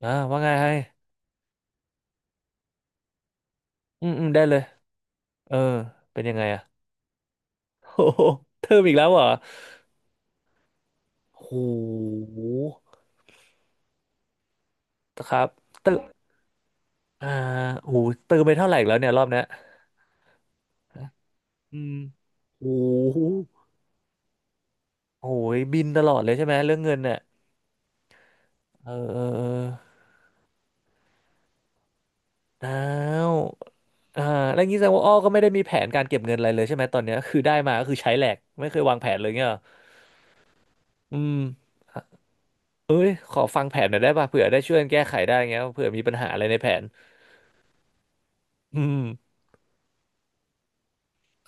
อ่าว่าไงให้อืมได้เลยเออเป็นยังไงอะโอ้โหเติมอีกแล้วเหรอโหครับเติมอ่าโหเติมไปเท่าไหร่อีกแล้วเนี่ยรอบเนี้ยอืมโหโอ้ยบินตลอดเลยใช่ไหมเรื่องเงินเนี่ยเอออ้าวอ่าแล้วงี้แสดงว่าอ้อก็ไม่ได้มีแผนการเก็บเงินอะไรเลยใช่ไหมตอนเนี้ยคือได้มาก็คือใช้แหลกไม่เคยวางแผนเลยเงี้ยเหรออืมเอ้ยขอฟังแผนหน่อยได้ป่ะเผื่อได้ช่วยกันแก้ไขได้เงี้ยเผื่อมีปัญหาอะไรในแผนอืม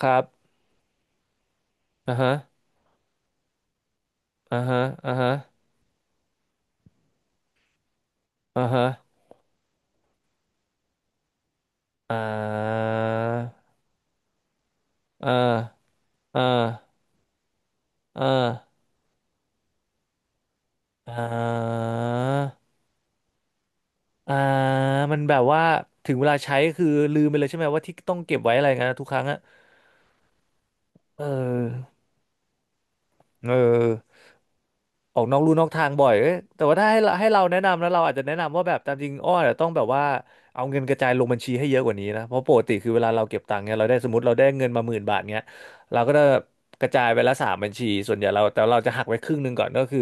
ครับอ่าฮะอ่าฮะอ่าฮะอ่าฮะอ่าอ่าอ่าอ่าอ่าอ่ามันแบบว่าถึงเวลาใช้คือลืมไปเลยใช่ไหมว่าที่ต้องเก็บไว้อะไรเงี้ยทุกครั้งอะเออเออ ออกนอกลู่นอกทางบ่อยเอ้ยแต่ว่าถ้าให้เราแนะนำนะเราอาจจะแนะนำว่าแบบตามจริงอ้อเนี่ยต้องแบบว่าเอาเงินกระจายลงบัญชีให้เยอะกว่านี้นะเพราะปกติคือเวลาเราเก็บตังค์เนี่ยเราได้สมมติเราได้เงินมาหมื่นบาทเนี้ยเราก็จะกระจายไปละสามบัญชีส่วนใหญ่เราแต่เราจะหักไว้ครึ่งหนึ่งก่อนก็คือ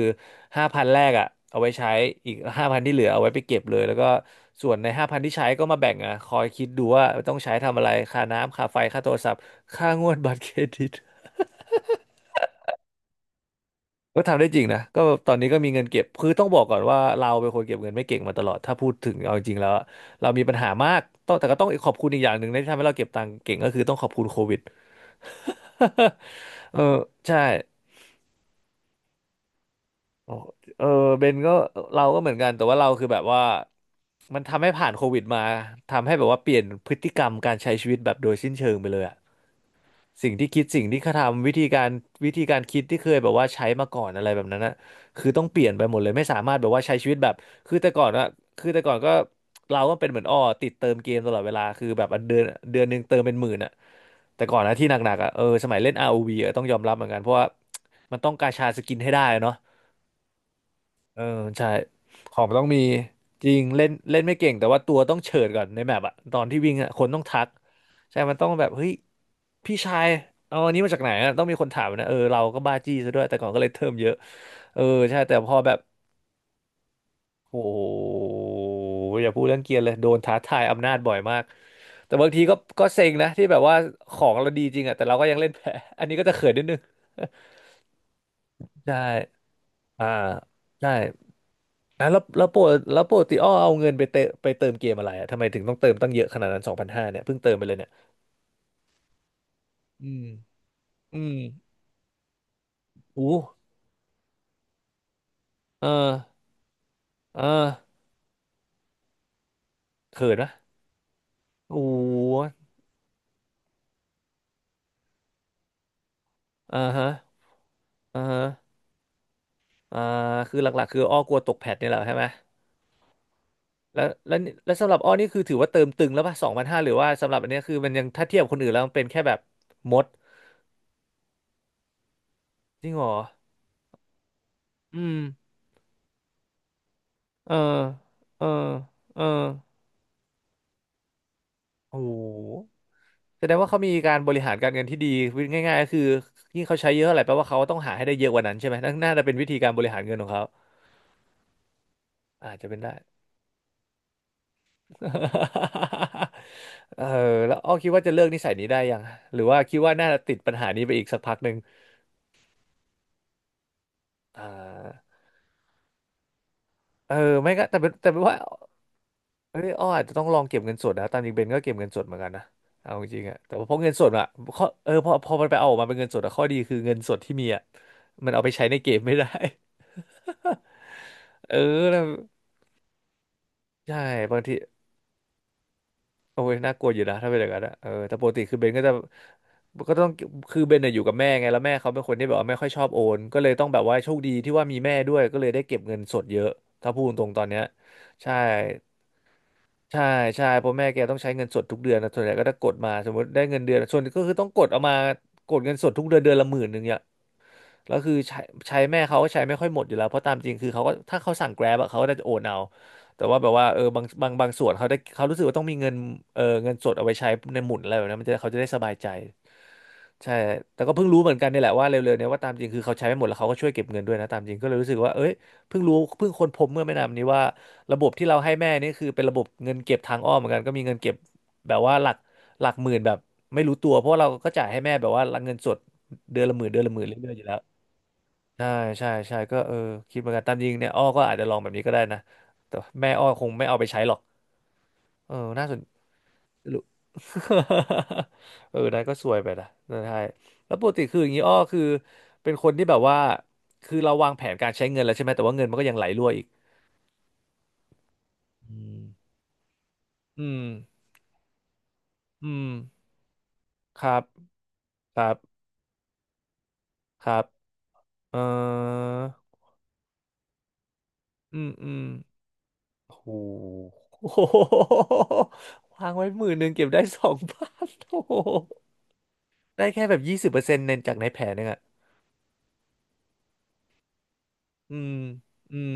ห้าพันแรกอ่ะเอาไว้ใช้อีกห้าพันที่เหลือเอาไว้ไปเก็บเลยแล้วก็ส่วนในห้าพันที่ใช้ก็มาแบ่งอ่ะคอยคิดดูว่าต้องใช้ทำอะไรค่าน้ำค่าไฟค่าโทรศัพท์ค่างวดบัตรเครดิต ก็ทำได้จริงนะก็ตอนนี้ก็มีเงินเก็บคือต้องบอกก่อนว่าเราเป็นคนเก็บเงินไม่เก่งมาตลอดถ้าพูดถึงเอาจริงแล้วอะเรามีปัญหามากต้องขอบคุณอีกอย่างหนึ่งนะที่ทำให้เราเก็บตังค์เก่งก็คือต้องขอบคุณโควิด เออใช่โอ้เออเบนก็เราก็เหมือนกันแต่ว่าเราคือแบบว่ามันทำให้ผ่านโควิดมาทำให้แบบว่าเปลี่ยนพฤติกรรมการใช้ชีวิตแบบโดยสิ้นเชิงไปเลยอะ สิ่งที่เขาทำวิธีการคิดที่เคยแบบว่าใช้มาก่อนอะไรแบบนั้นนะคือต้องเปลี่ยนไปหมดเลยไม่สามารถแบบว่าใช้ชีวิตแบบคือแต่ก่อนอะคือแต่ก่อนก็เราก็เป็นเหมือนอ้อติดเติมเกมตลอดเวลาคือแบบอันเดือนเดือนหนึ่งเติมเป็นหมื่นอะแต่ก่อนนะที่หนักๆอะเออสมัยเล่น ROV อวีอะต้องยอมรับเหมือนกันเพราะว่ามันต้องกาชาสกินให้ได้อะเนาะ เออใช่ของมันต้องมีจริงเล่นเล่นไม่เก่งแต่ว่าตัวต้องเฉิดก่อนในแมปอะตอนที่วิ่งอะคนต้องทักใช่มันต้องแบบเฮ้ยพี่ชายเอาอันนี้มาจากไหนอะต้องมีคนถามนะเออเราก็บ้าจี้ซะด้วยแต่ก่อนก็เลยเทิมเยอะเออใช่แต่พอแบบโหอย่าพูดเรื่องเกียร์เลยโดนท้าทายอำนาจบ่อยมากแต่บางทีก็เซ็งนะที่แบบว่าของเราดีจริงอะแต่เราก็ยังเล่นแพ้อันนี้ก็จะเขินนิดนึง ใช่อ่าใช่ อ่ะแล้วโปกติอ้อเอาเงินไปเติมเกมอะไรอะทำไมถึงต้องเติมตั้งเยอะขนาดนั้นสองพันห้าเนี่ยเพิ่งเติมไปเลยเนี่ยอืมอืมอู้เออเออเขินนะอู้อ่าฮะอ่าฮะอ่าคือหลักๆคืออ้อกลัวตกแพทเนี่ยแหละใช่ไหมแล้วสำหรับอ้อนี่คือถือว่าเติมตึงแล้วป่ะสองพันห้าหรือว่าสำหรับอันเนี้ยคือมันยังถ้าเทียบคนอื่นแล้วมันเป็นแค่แบบมดจริงเหรออืมเออเออเออโอ้โห แสดงว่าเขามีการบริหารการเงินที่ดีวิธีง่ายๆก็คือยิ่งเขาใช้เยอะเท่าไหร่แปลว่าเขาต้องหาให้ได้เยอะกว่านั้นใช่ไหมนั่นน่าจะเป็นวิธีการบริหารเงินของเขาอาจจะเป็นได้ เออแล้วอ้อคิดว่าจะเลิกนิสัยนี้ได้ยังหรือว่าคิดว่าน่าจะติดปัญหานี้ไปอีกสักพักหนึ่งอ่าเออไม่ก็แต่เป็นว่าเอ้ยอ้ออาจจะต้องลองเก็บเงินสดนะตามจริงเบนก็เก็บเงินสดเหมือนกันนะเอาจริงๆอะแต่ว่าพอเงินสดอะข้อเออพอมันไปเอาออกมาเป็นเงินสดอะข้อดีคือเงินสดที่มีอะมันเอาไปใช้ในเกมไม่ได้ เออแล้วใช่บางที โอ้ยน่ากลัวอยู่นะถ้าเป็นอย่างนั้นอะเออแต่ปกติคือเบนก็จะก็ต้องคือเบนเนี่ยอยู่กับแม่ไงแล้วแม่เขาเป็นคนที่แบบว่าไม่ค่อยชอบโอนก็เลยต้องแบบว่าโชคดีที่ว่ามีแม่ด้วยก็เลยได้เก็บเงินสดเยอะถ้าพูดตรงๆตอนเนี้ยใช่ใช่ใช่เพราะแม่แกต้องใช้เงินสดทุกเดือนนะส่วนใหญ่ก็จะกดมาสมมติได้เงินเดือนส่วนก็คือต้องกดเอามากดเงินสดทุกเดือนเดือนละหมื่นหนึ่ง แล้วคือใช้ใช้แม่เขาก็ใช้ไม่ค่อยหมดอยู่แล้วเพราะตามจริงคือเขาก็ถ้าเขาสั่ง Grab อะเขาก็น่าจะโอนเอาแต่ว่าแบบว่าเออบางส่วนเขาได้เขารู้สึกว่าต้องมีเงินเออเงินสดเอาไว้ใช้ในหมุนอะไรแบบนั้นมันจะเขาจะได้สบายใจใช่แต่ก็เพิ่งรู้เหมือนกันนี่แหละว่าเร็วๆเนี่ยว่าตามจริงคือเขาใช้ไม่หมดแล้วเขาก็ช่วยเก็บเงินด้วยนะตามจริงก็เลยรู้สึกว่าเอ้ยเพิ่งรู้เพิ่งค้นพบเมื่อไม่นานนี้ว่าระบบที่เราให้แม่นี่คือเป็นระบบเงินเก็บทางอ้อมเหมือนกันก็มีเงินเก็บแบบว่าหลักหมื่นแบบไม่รู้ตัวเพราะว่าเราก็จ่ายให้แม่แบบว่าเงินสดเดือนละหมื่นเดือนละหมื่นเรื่อยๆอยู่แล้ว ใช่ใช่ใช่ก็เออคิดเหมือนกันตามจริงเนี่ยอ้อก็อาจจะลองแบบนี้ก็ได้นะแต่แม่อ้อคงไม่เอาไปใช้หรอกเออน่าสนรู้ เออนั่นก็ซวยไปนะนั่นใช่แล้วปกติคืออย่างนี้อ้อคือเป็นคนที่แบบว่าคือเราวางแผนการใช้เงินแล้วใช่ไหมแต่ว่าเงินมันก็ยังไหลรั่วอีกอืมอืมอืมครับครับครับเอออืมอืมโห อ้โห วางไว้11,000เก็บได้2,000โอ้โห ได้แค่แบบ20%ในจากในแผนนึงอ่ะอืมอืม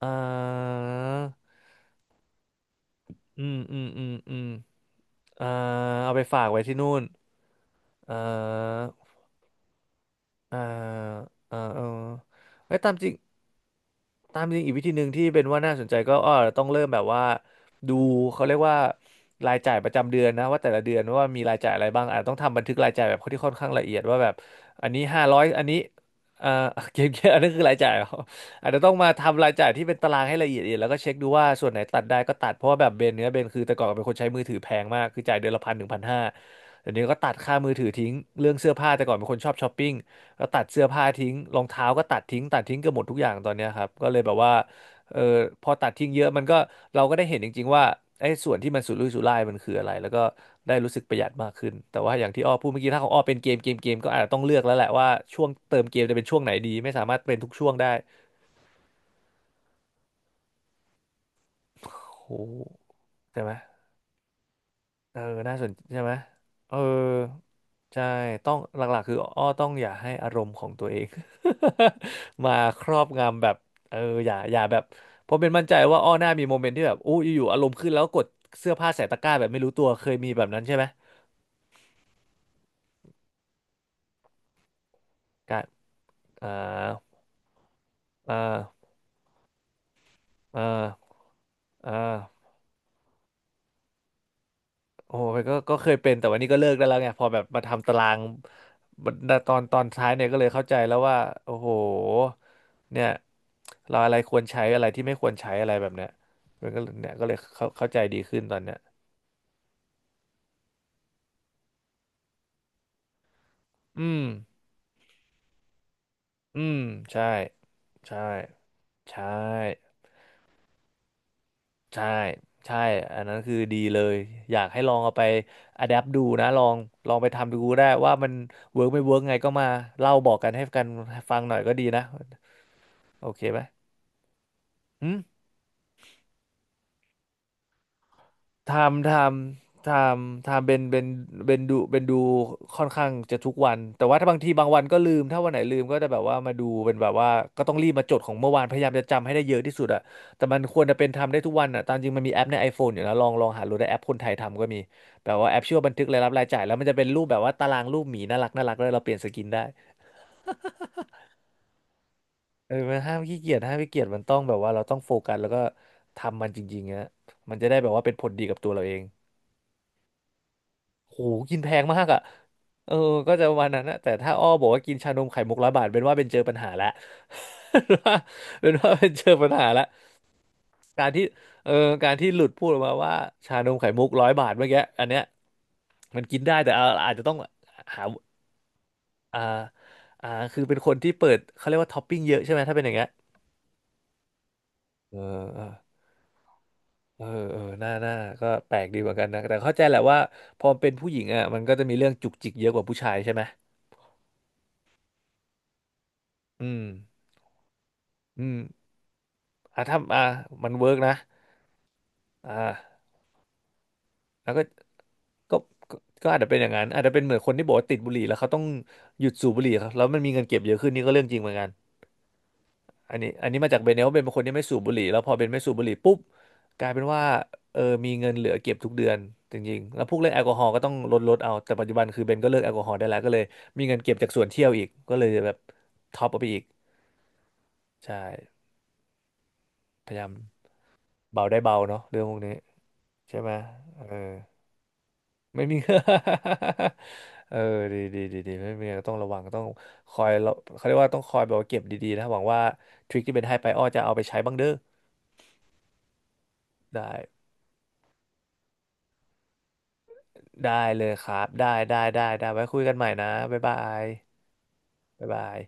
อ่าอืมอืม อืม อืมอ่าเอาไปฝากไว้ที่นู่นอ่าอ่าอ่าเออไอ้ยตามจริง ตามจริงอีกวิธีหนึ่งที่เป็นว่าน่าสนใจก็อ้อต้องเริ่มแบบว่าดูเขาเรียกว่ารายจ่ายประจำเดือนนะว่าแต่ละเดือนว่ามีรายจ่ายอะไรบ้างอาจต้องทำบันทึกรายจ่ายแบบที่ค่อนข้างละเอียดว่าแบบอันนี้500อันนี้เอ่อ เกมเกมอันนั้นคือรายจ่าย เหรออาจจะต้องมาทำรายจ่ายที่เป็นตารางให้ละเอียดๆแล้วก็เช็คดูว่าส่วนไหนตัดได้ก็ตัดเพราะว่าแบบเบนเนี้ยเบนคือแต่ก่อนเป็นคนใช้มือถือแพงมากคือจ่ายเดือนละ1,000-1,500เดี๋ยวนี้ก็ตัดค่ามือถือทิ้งเรื่องเสื้อผ้าแต่ก่อนเป็นคนชอบช้อปปิ้ง ก็ตัดเสื้อผ้าทิ้งรองเท้าก็ตัดทิ้งตัดทิ้งเกือบหมดทุกอย่างตอนเนี้ยครับก็เลยแบบว่าเออพอตัดทิ้งเยอะมันก็เราก็ได้เห็นจริงๆว่าไอ้ส่วนที่มันสุรุ่ยสุร่ายมันคืออะไรแล้วก็ได้รู้สึกประหยัดมากขึ้นแต่ว่าอย่างที่อ้อพูดเมื่อกี้ถ้าของอ้อเป็นเกมเกมเกมก็อาจจะต้องเลือกแล้วแหละว่าช่วงเติมเกมจะเป็นช่วงไหนดีไม่สามารถเป็นทุกช่วงได้โอ้โหใช่ไหม เออน่าสนใช่ไหมเออใช่ต้องหลักๆคืออ้อ ต้องอย่าให้อารมณ์ของตัวเอง มาครอบงำแบบเอออย่าแบบเพราะเป็นมั่นใจว่าอ้อหน้ามีโมเมนต์ที่แบบอู้อยู่ๆอารมณ์ขึ้นแล้วกดเสื้อผ้าใส่ตะกร้าแบบไม่รู้ตัวเคยมีแบบนั้นใช่ไหมการอ่าอ่าอ่าอ่า โอ้ยก็เคยเป็นแต่วันนี้ก็เลิกได้แล้วไงพอแบบมาทำตารางบัดตอนตอนท้ายเนี่ยก็เลยเข้าใจแล้วว่าโอ้โหเนี่ยเราอะไรควรใช้อะไรที่ไม่ควรใช้อะไรแบบเนี้ยมันก็เนี่ยก็เลยเข้าใจดีขึ้นตอนเนี้ยอืมอืมใช่ใช่ใช่ใช่ใช่อันนั้นคือดีเลยอยากให้ลองเอาไปอะแดปดูนะลองลองไปทำดูได้ว่ามันเวิร์กไม่เวิร์กไงก็มาเล่าบอกกันให้กันฟังหน่อยก็ดีนะโอเคไหมอืม ทำทำทำทำเป็นเป็นเป็นดูเป็นดูค่อนข้างจะทุกวันแต่ว่าถ้าบางทีบางวันก็ลืมถ้าวันไหนลืมก็จะแบบว่ามาดูเป็นแบบว่าก็ต้องรีบมาจดของเมื่อวานพยายามจะจำให้ได้เยอะที่สุดอะแต่มันควรจะเป็นทำได้ทุกวันอะตามจริงมันมีแอปใน iPhone อยู่นะลองหาดูได้แอปคนไทยทำก็มีแบบว่าแอปชื่อว่าบันทึกรายรับรายจ่ายแล้วมันจะเป็นรูปแบบว่าตารางรูปหมีน่ารักน่ารักแล้วยเราเปลี่ยนสกินได้เออมันห้ามขี้เกียจห้ามขี้เกียจมันต้องแบบว่าเราต้องโฟกัสแล้วก็ทำมันจริงๆอะมันจะได้แบบว่าเป็นผลดีกับตัวเราเอง โหกินแพงมากอ่ะเออก็จะวันนั้นนะแต่ถ้าอ้อบอกว่ากินชานมไข่มุกร้อยบาทเป็นว่าเป็นเจอปัญหาละ เป็นว่า เป็นว่าเป็นเจอปัญหาละการที่เออการที่หลุดพูดออกมาว่าชานมไข่มุกร้อยบาทเมื่อกี้อันเนี้ยมันกินได้แต่เอาอาจจะต้องหาอ่าคือเป็นคนที่เปิดเขาเรียกว่าท็อปปิ้งเยอะใช่ไหมถ้าเป็นอย่างเงี้ยเออเออเออหน่าหน้าก็แปลกดีเหมือนกันนะแต่เข้าใจแหละว่าพอเป็นผู้หญิงอ่ะมันก็จะมีเรื่องจุกจิกเยอะกว่าผู้ชายใช่ไหมอืมอืม อ่ะถ้าอ่ะมันเวิร์กนะอ่าแล้วก็ก็ก็ก็อาจจะเป็นอย่างนั้นอาจจะเป็นเหมือนคนที่บอกว่าติดบุหรี่แล้วเขาต้องหยุดสูบบุหรี่ครับแล้วมันมีเงินเก็บเยอะขึ้นนี่ก็เรื่องจริงเหมือนกันอันนี้มาจากเบนเนลเป็นคนที่ไม่สูบบุหรี่แล้วพอเบนไม่สูบบุหรี่ปุ๊บกลายเป็นว่าเออมีเงินเหลือเก็บทุกเดือนจริงๆแล้วพวกเรื่องแอลกอฮอล์ก็ต้องลดเอาแต่ปัจจุบันคือเบนก็เลิกแอลกอฮอล์ได้แล้วก็เลยมีเงินเก็บจากส่วนเที่ยวอีกก็เลยแบบท็อปออาไปอีกใช่พยายามเบาได้เบาเนาะเรื่องพวกนี้ใช่ไหมเออไม่มี เออดีดีดีดีไม่มีอะไรต้องระวังต้องคอยเราเขาเรียกว่าต้องคอยแบบว่าเก็บดีๆนะหวังว่าทริคที่เป็นให้ไปอ้อจะเอาไปใช้บ้างเด้อได้ได้เลยครับได้ได้ได้ได้ไว้คุยกันใหม่นะบ๊ายบายบ๊ายบาย